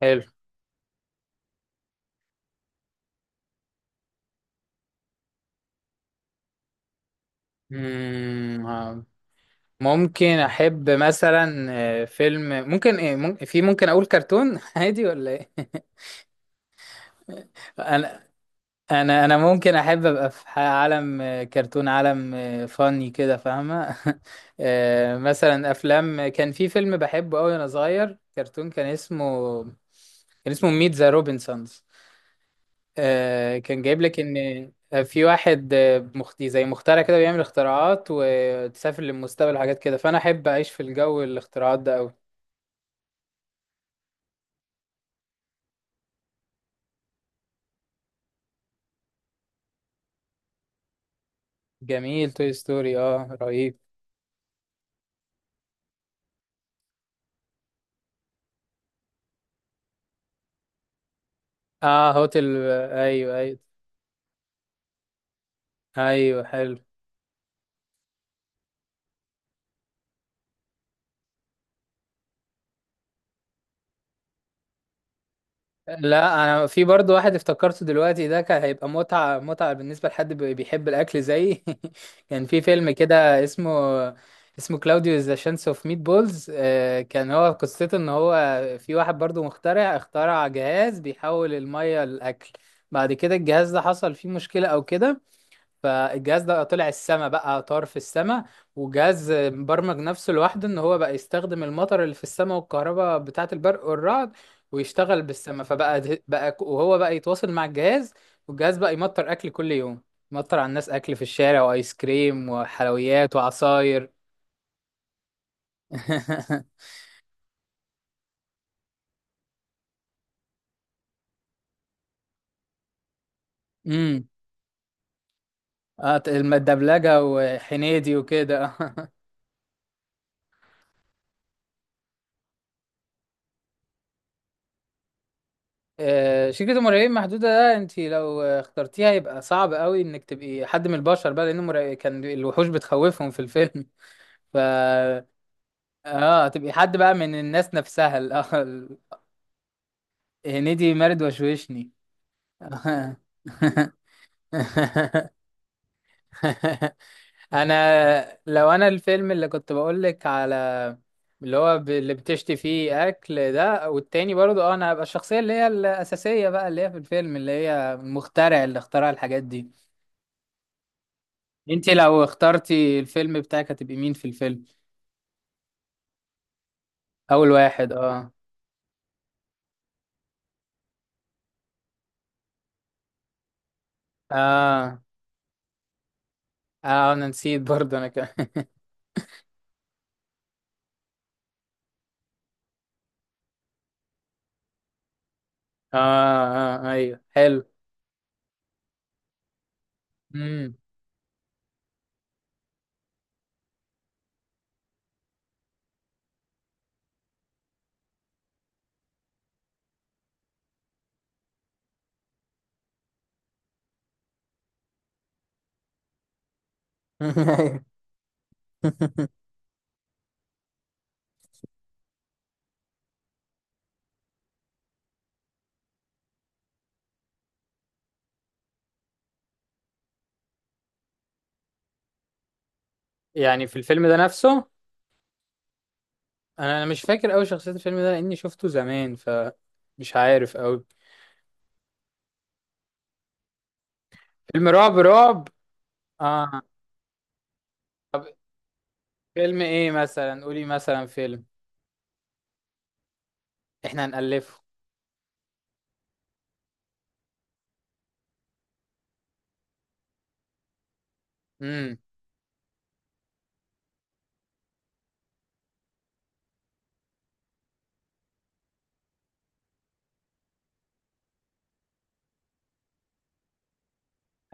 حلو. مم، آه. ممكن احب مثلا فيلم ممكن ايه ممكن في ممكن اقول كرتون عادي ولا ايه؟ انا انا ممكن احب ابقى في عالم كرتون، عالم فاني كده، فاهمه. مثلا افلام، كان في فيلم بحبه قوي وانا صغير، كرتون، كان اسمه ميت ذا روبنسونز. كان جايب لك ان في واحد زي مخترع كده، بيعمل اختراعات وتسافر للمستقبل وحاجات كده، فانا احب اعيش في الجو، الاختراعات ده قوي. جميل، توي ستوري اه رهيب. اه هوتل ايوه ايوه. ايوه حلو. لا، انا في برضو واحد افتكرته دلوقتي، ده كان هيبقى متعة متعة بالنسبة لحد بيحب الاكل زيي. كان في فيلم كده اسمه، كلاوديو ذا شانس اوف ميت بولز. كان هو قصته ان هو في واحد برضو مخترع، اخترع جهاز بيحول المية لاكل. بعد كده الجهاز ده حصل فيه مشكلة او كده، فالجهاز ده طلع السما بقى، طار في السما. وجهاز مبرمج نفسه لوحده ان هو بقى يستخدم المطر اللي في السما والكهرباء بتاعة البرق والرعد ويشتغل بالسما، فبقى ده- بقى ك- وهو بقى يتواصل مع الجهاز، والجهاز بقى يمطر اكل كل يوم، يمطر على الناس اكل في الشارع، وايس كريم وحلويات وعصاير. امم. الدبلجة وحنيدي وكده. شركة المرعبين محدودة ده، انت لو اخترتيها يبقى صعب قوي انك تبقي حد من البشر بقى، لان المرع... كان الوحوش بتخوفهم في الفيلم. ف اه، تبقي حد بقى من الناس نفسها، هنيدي مارد وشوشني. انا لو الفيلم اللي كنت بقولك على، اللي هو اللي بتشتي فيه اكل ده، والتاني برضه اه، انا هبقى الشخصية اللي هي الأساسية بقى، اللي هي في الفيلم، اللي هي المخترع اللي اخترع الحاجات دي. انت لو اخترتي الفيلم بتاعك هتبقي مين في الفيلم؟ اول واحد اه. اه اه انا نسيت برضه، انا كمان. اه اه ايوه حلو. امم. يعني في الفيلم ده نفسه؟ انا مش فاكر قوي شخصية الفيلم ده لاني شفته زمان، فمش عارف قوي. فيلم رعب؟ اه. طب فيلم ايه مثلا؟ قولي مثلا فيلم. احنا هنألفه.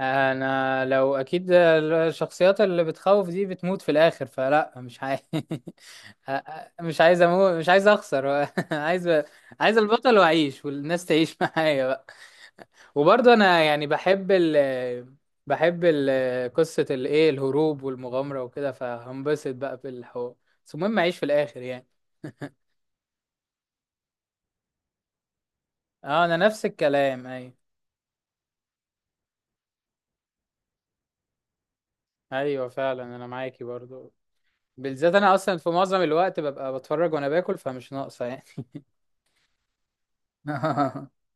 انا لو اكيد الشخصيات اللي بتخوف دي بتموت في الاخر، فلا مش عايز. مش عايز اموت، مش عايز اخسر. عايز، عايز البطل واعيش والناس تعيش معايا بقى. وبرضه انا يعني بحب ال قصة الايه، الهروب والمغامرة وكده، فهنبسط بقى في الحوار. بس المهم اعيش في الاخر يعني. اه، انا نفس الكلام ايوه. ايوه فعلا، انا معاكي برضو. بالذات انا اصلا في معظم الوقت ببقى بتفرج وانا باكل، فمش ناقصه يعني.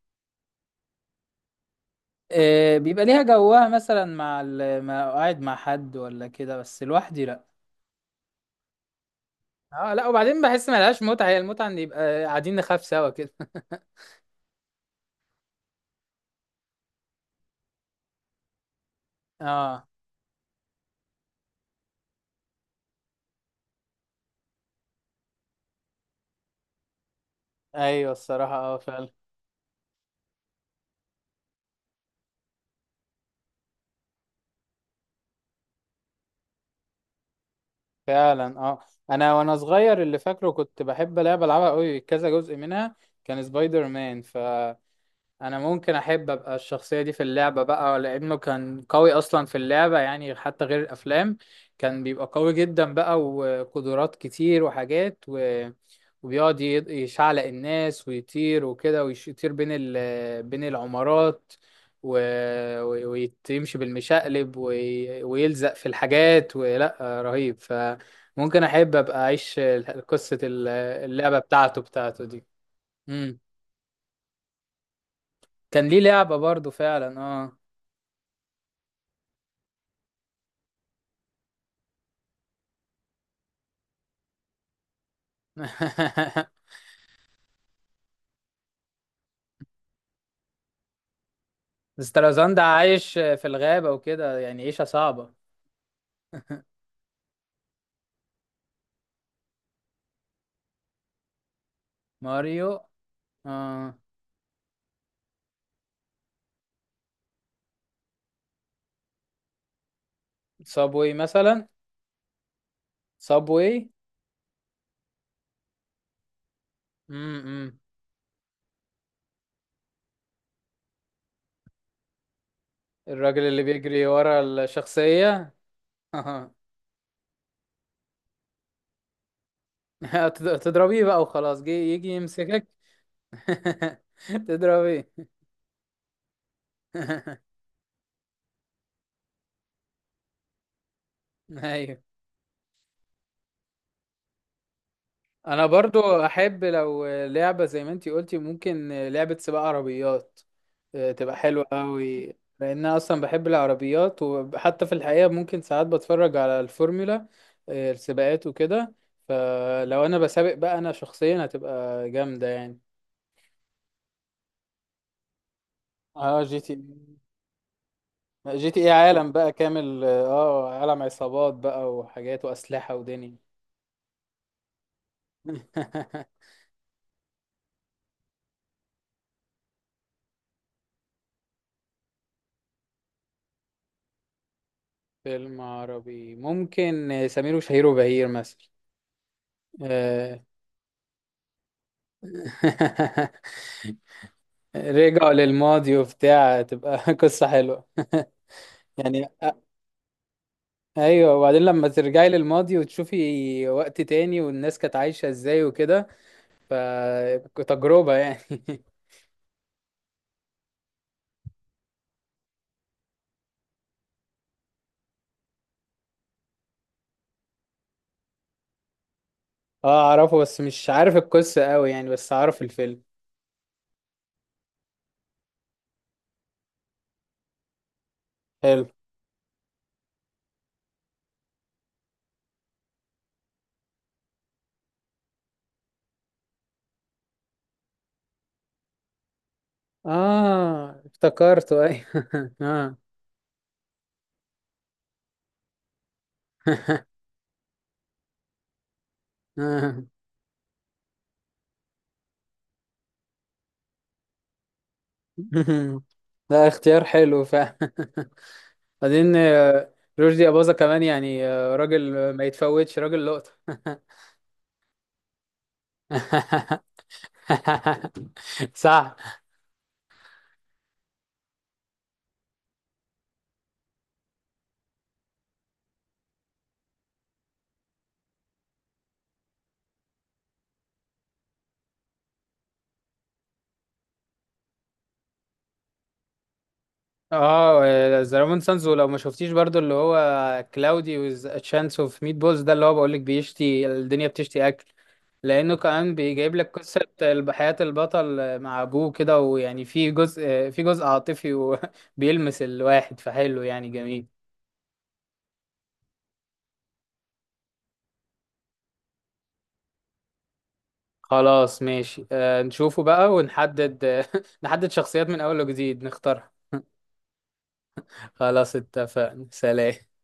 بيبقى ليها جوها مثلا مع ال... مع قاعد مع حد ولا كده، بس لوحدي لا. اه لا، وبعدين بحس ما لهاش متعة، هي المتعة ان يبقى قاعدين نخاف سوا كده. اه ايوه الصراحة اه فعلا. فعلا اه، انا وانا صغير اللي فاكره كنت بحب لعبة العبها قوي كذا جزء منها، كان سبايدر مان. انا ممكن احب ابقى الشخصيه دي في اللعبه بقى، لانه كان قوي اصلا في اللعبه يعني حتى غير الافلام، كان بيبقى قوي جدا بقى، وقدرات كتير وحاجات وبيقعد ي- يشعلق الناس ويطير وكده، ويطير بين ال... بين العمارات و... و- ويمشي بالمشقلب ويلزق في الحاجات ولا رهيب. فممكن احب ابقى اعيش قصه اللعبه بتاعته بتاعته دي. مم. كان ليه لعبة برضو فعلا آه. سترازان ده عايش في الغابة وكده، يعني عيشة صعبة. ماريو آه. صابوي مثلا. صابوي. امم. الراجل اللي بيجري ورا الشخصية. آه. تضربيه بقى وخلاص، يجي يمسكك. تضربيه. ايوه، انا برضو. احب لو لعبة زي ما انتي قلتي، ممكن لعبة سباق عربيات تبقى حلوة قوي، لان أنا اصلا بحب العربيات، وحتى في الحقيقة ممكن ساعات بتفرج على الفورمولا، السباقات وكده، فلو انا بسابق بقى انا شخصيا هتبقى جامدة يعني. اه GTA عالم بقى كامل، اه عالم عصابات بقى، وحاجات واسلحة ودنيا. فيلم عربي، ممكن سمير وشهير وبهير مثلا. رجعوا للماضي وبتاع، تبقى قصة حلوة. يعني أ- ايوه، وبعدين لما ترجعي للماضي وتشوفي وقت تاني والناس كانت عايشة ازاي وكده، فتجربة يعني. اه اعرفه، بس مش عارف القصة قوي يعني، بس اعرف الفيلم. حلو. اه افتكرته ايوه. اه اه. ده اختيار حلو فعلا. بعدين رشدي أباظة كمان يعني راجل ما يتفوتش، راجل لقطة. صح. اه ذا رومان سانز، ولو ما شفتيش برضو اللي هو كلاودي ويز تشانس اوف ميت بولز ده، اللي هو بقولك بيشتي الدنيا، بتشتي اكل، لانه كمان بيجيب لك قصه حياه البطل مع ابوه كده، ويعني في جزء عاطفي وبيلمس الواحد، فحلو يعني جميل. خلاص ماشي، نشوفه بقى ونحدد. نحدد شخصيات من اول وجديد نختارها. خلاص اتفقنا، سلام.